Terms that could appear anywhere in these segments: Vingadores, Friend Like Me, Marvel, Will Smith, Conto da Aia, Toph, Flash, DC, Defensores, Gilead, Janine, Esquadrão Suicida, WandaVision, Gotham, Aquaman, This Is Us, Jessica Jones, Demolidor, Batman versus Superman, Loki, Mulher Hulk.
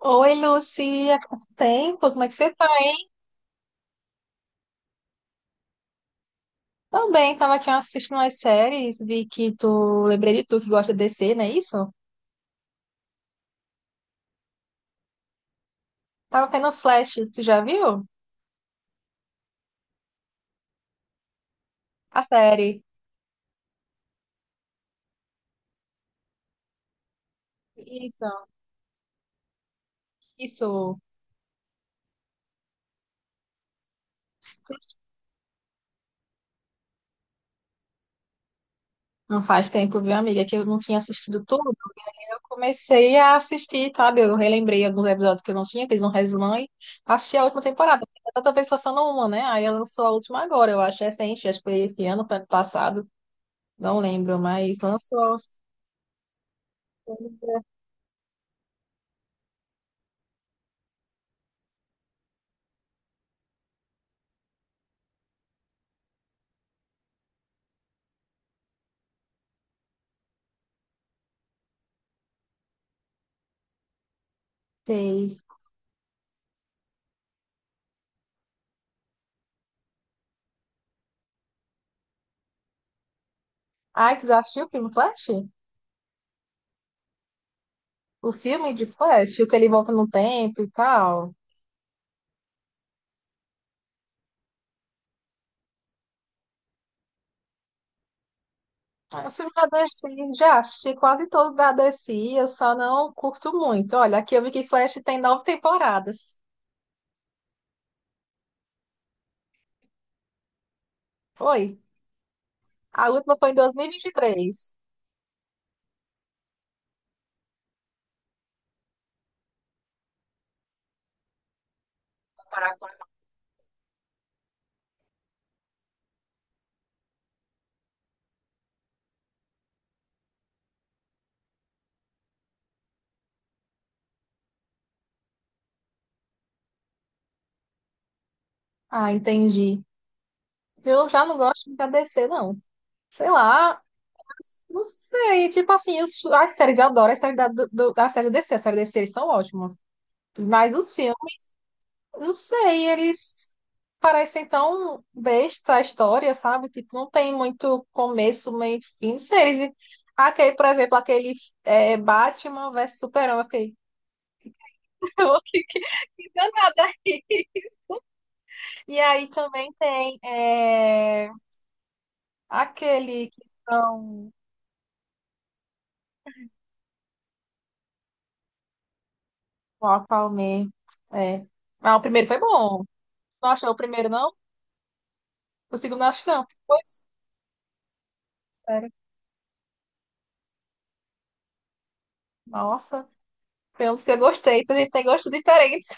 Oi, Lucy, há quanto tempo? Como é que você tá, hein? Também, tava aqui assistindo umas séries, vi que tu, lembrei de tu que gosta de DC, não é isso? Tava vendo Flash, tu já viu? A série. Isso, isso. Não faz tempo, viu, amiga, que eu não tinha assistido tudo. Eu comecei a assistir, sabe? Eu relembrei alguns episódios que eu não tinha, fiz um resumão e assisti a última temporada. Porque tá tanta vez passando uma, né? Aí ela lançou a última agora, eu acho recente, acho que foi esse ano, foi ano passado. Não lembro, mas lançou. Sei. Ai, tu já assistiu o filme Flash? O filme de Flash, o que ele volta no tempo e tal. O filme da DC, já assisti quase todo da DC, eu só não curto muito. Olha, aqui eu vi que Flash tem nove temporadas. Oi. A última foi em dois mil e vinte e três. Ah, entendi. Eu já não gosto muito da DC, não. Sei lá, não sei. Tipo assim, as séries, eu adoro as séries da série DC. As séries DC eles são ótimas. Mas os filmes. Não sei, eles parecem tão besta a história, sabe? Tipo, não tem muito começo, meio e fim. Não sei, eles. Aquele, por exemplo, aquele Batman versus Superman, eu fiquei, "Ô, que danada. E aí também tem aquele que são o Aquaman. É. Ah, o primeiro foi bom. Não achou o primeiro, não? O segundo, acho que não. Pois, sério. Nossa, foi um dos que eu gostei. Então a gente tem gostos diferentes.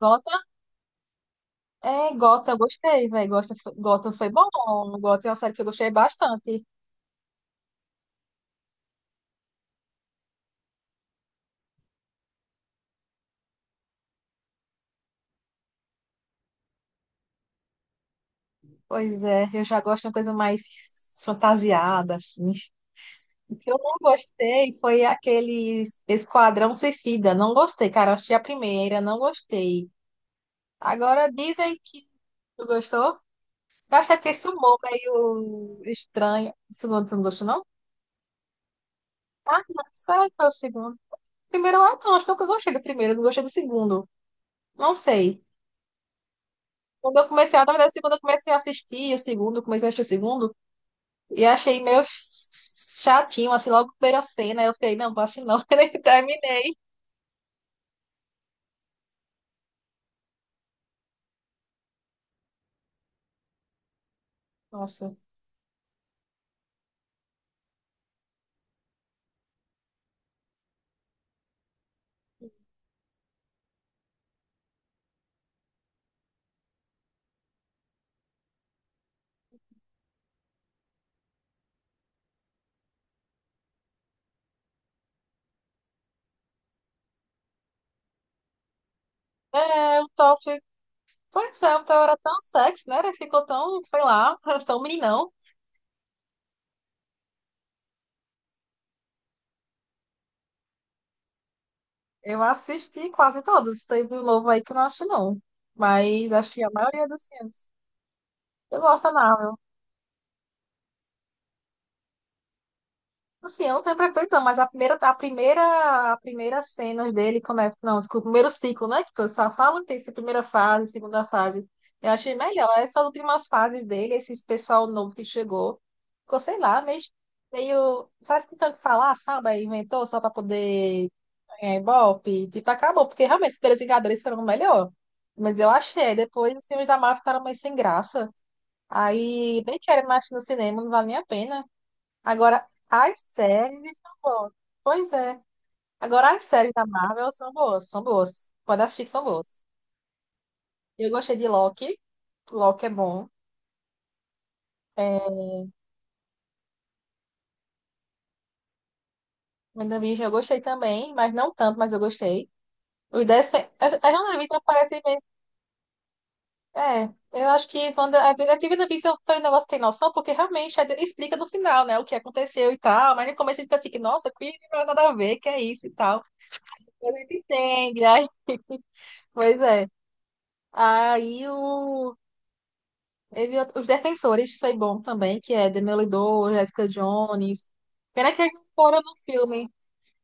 É, Gotham, eu gostei, velho. Gotham, Gotham foi bom. Gotham é uma série que eu gostei bastante. Pois é, eu já gosto de uma coisa mais fantasiada, assim. O que eu não gostei foi aquele Esquadrão Suicida. Não gostei, cara. Eu assisti a primeira, não gostei. Agora dizem que tu gostou. Eu acho que é porque esse humor meio estranho. O segundo, tu não gostou, não? Ah, não. Será que foi o segundo? Primeiro, ah, não. Acho que eu gostei do primeiro, não gostei do segundo. Não sei. Quando eu comecei, na verdade, assim, quando eu comecei a assistir o segundo, eu comecei a assistir o segundo, e achei meio chatinho, assim, logo a primeira cena, eu fiquei, não, acho não, nem terminei. Nossa. É, o Toph, pois é, o Toph era tão sexy, né? Ele ficou tão, sei lá, tão meninão. Eu assisti quase todos, teve um novo aí que eu não acho não, mas acho que a maioria dos filmes. Eu gosto da Marvel. Assim, eu não tenho preferência, não, mas a primeira cena dele começa. Não, desculpa, o primeiro ciclo, né? Que eu só falo que tem essa primeira fase, segunda fase. Eu achei melhor. Essas últimas fases dele, esse pessoal novo que chegou, ficou, sei lá, meio, meio. Faz que tanto falar, sabe? Aí inventou só para poder ganhar Ibope. Tipo, acabou, porque realmente os primeiros Vingadores foram o melhor. Mas eu achei. Depois os filmes da Marvel ficaram meio sem graça. Aí nem quero mais ir no cinema, não vale nem a pena. Agora, as séries estão boas. Pois é. Agora, as séries da Marvel são boas, são boas. Pode assistir que são boas. Eu gostei de Loki. Loki é bom. É, WandaVision eu gostei também, mas não tanto, mas eu gostei. Os 10, As WandaVision parecem meio. É, eu acho que quando às vezes aqui WandaVision foi um negócio sem noção, porque realmente aí explica no final, né, o que aconteceu e tal, mas no começo ele fica assim, que, nossa, que nada a ver, que é isso e tal. A gente entende, aí. Pois é. Aí o Eu vi Os Defensores foi bom também, que é Demolidor, Jessica Jones. Pena que eles não foram no filme.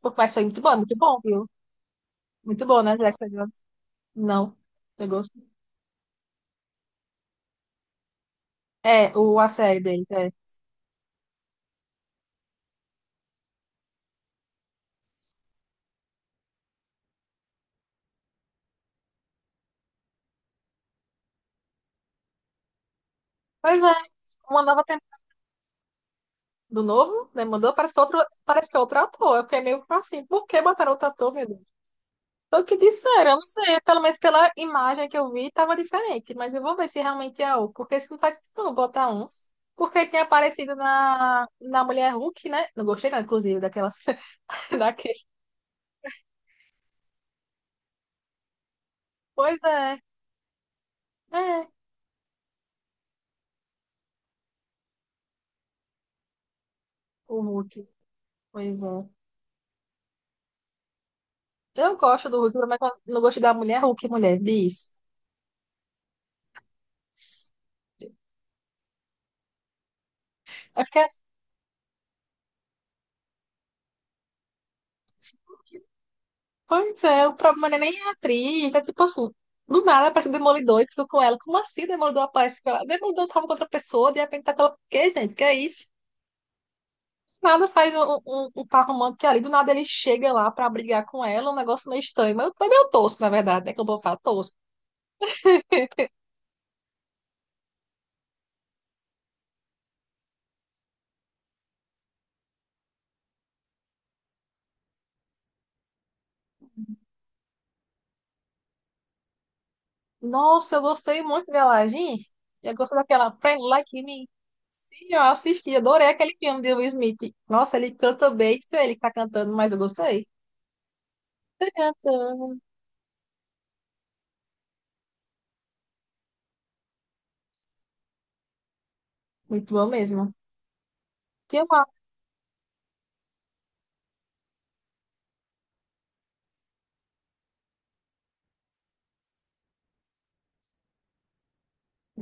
Mas foi muito bom, viu? Muito bom, né, Jessica Jones? Não, eu gosto. É, a série deles, é. Pois é, uma nova temporada. Do novo, né? Mandou, parece que outro, parece que é outro ator. Eu fiquei meio assim, por que botaram outro ator, meu. Foi o que disseram, eu não sei, é pelo menos pela imagem que eu vi, estava diferente, mas eu vou ver se realmente é um, porque isso não faz sentido não botar um, porque ele tem aparecido na Mulher Hulk, né? Não gostei não, inclusive, daquela cena, daquele. Pois é, é, o Hulk, pois é. Eu gosto do Hulk, mas eu não gostei da Mulher Hulk, mulher, diz. É porque, pois é, o problema não é nem a atriz, é tipo assim, do nada aparece o Demolidor e fica com ela. Como assim o Demolidor aparece com ela? O Demolidor tava com outra pessoa, de repente tá com ela. Por quê, gente? Que é isso? Nada faz um par romântico que ali do nada ele chega lá pra brigar com ela, um negócio meio estranho. Mas foi meio tosco, na verdade, né? Que eu vou falar tosco. Nossa, eu gostei muito dela, gente. Eu gostei daquela Friend Like Me. Sim, eu assisti, adorei aquele filme de Will Smith. Nossa, ele canta bem, sei ele que tá cantando, mas eu gostei. Tá cantando. Muito bom mesmo. Tem uma.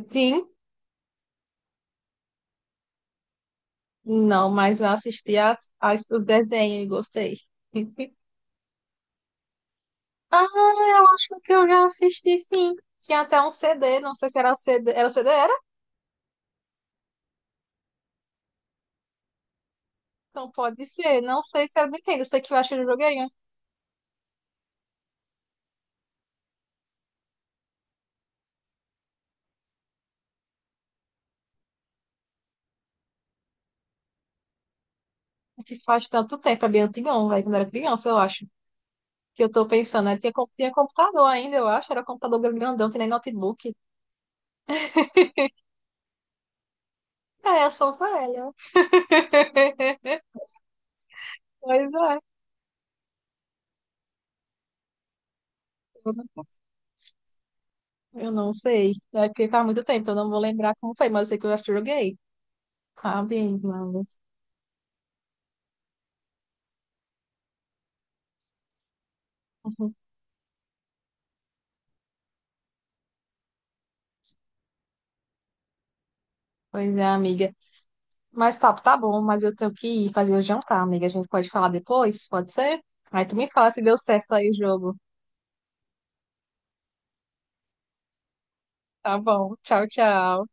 Sim, não, mas eu assisti o desenho e gostei. Ah, eu acho que eu já assisti sim. Tinha até um CD, não sei se era o CD. Era o CD, era? Então pode ser. Não sei se era do Nintendo. Sei que eu acho que eu joguei um. É que faz tanto tempo, é bem antigão, velho, quando eu era criança, eu acho. Que eu tô pensando, né? Tinha computador ainda, eu acho. Era computador grandão, tinha nem notebook. É, eu sou velha. Pois é. Eu não eu não sei. É porque faz muito tempo, eu não vou lembrar como foi, mas eu sei que eu acho que eu joguei. Sabe? Mas. Pois é, amiga. Mas tá, tá bom, mas eu tenho que ir fazer o jantar, amiga. A gente pode falar depois, pode ser? Aí tu me fala se deu certo aí o jogo. Tá bom, tchau, tchau.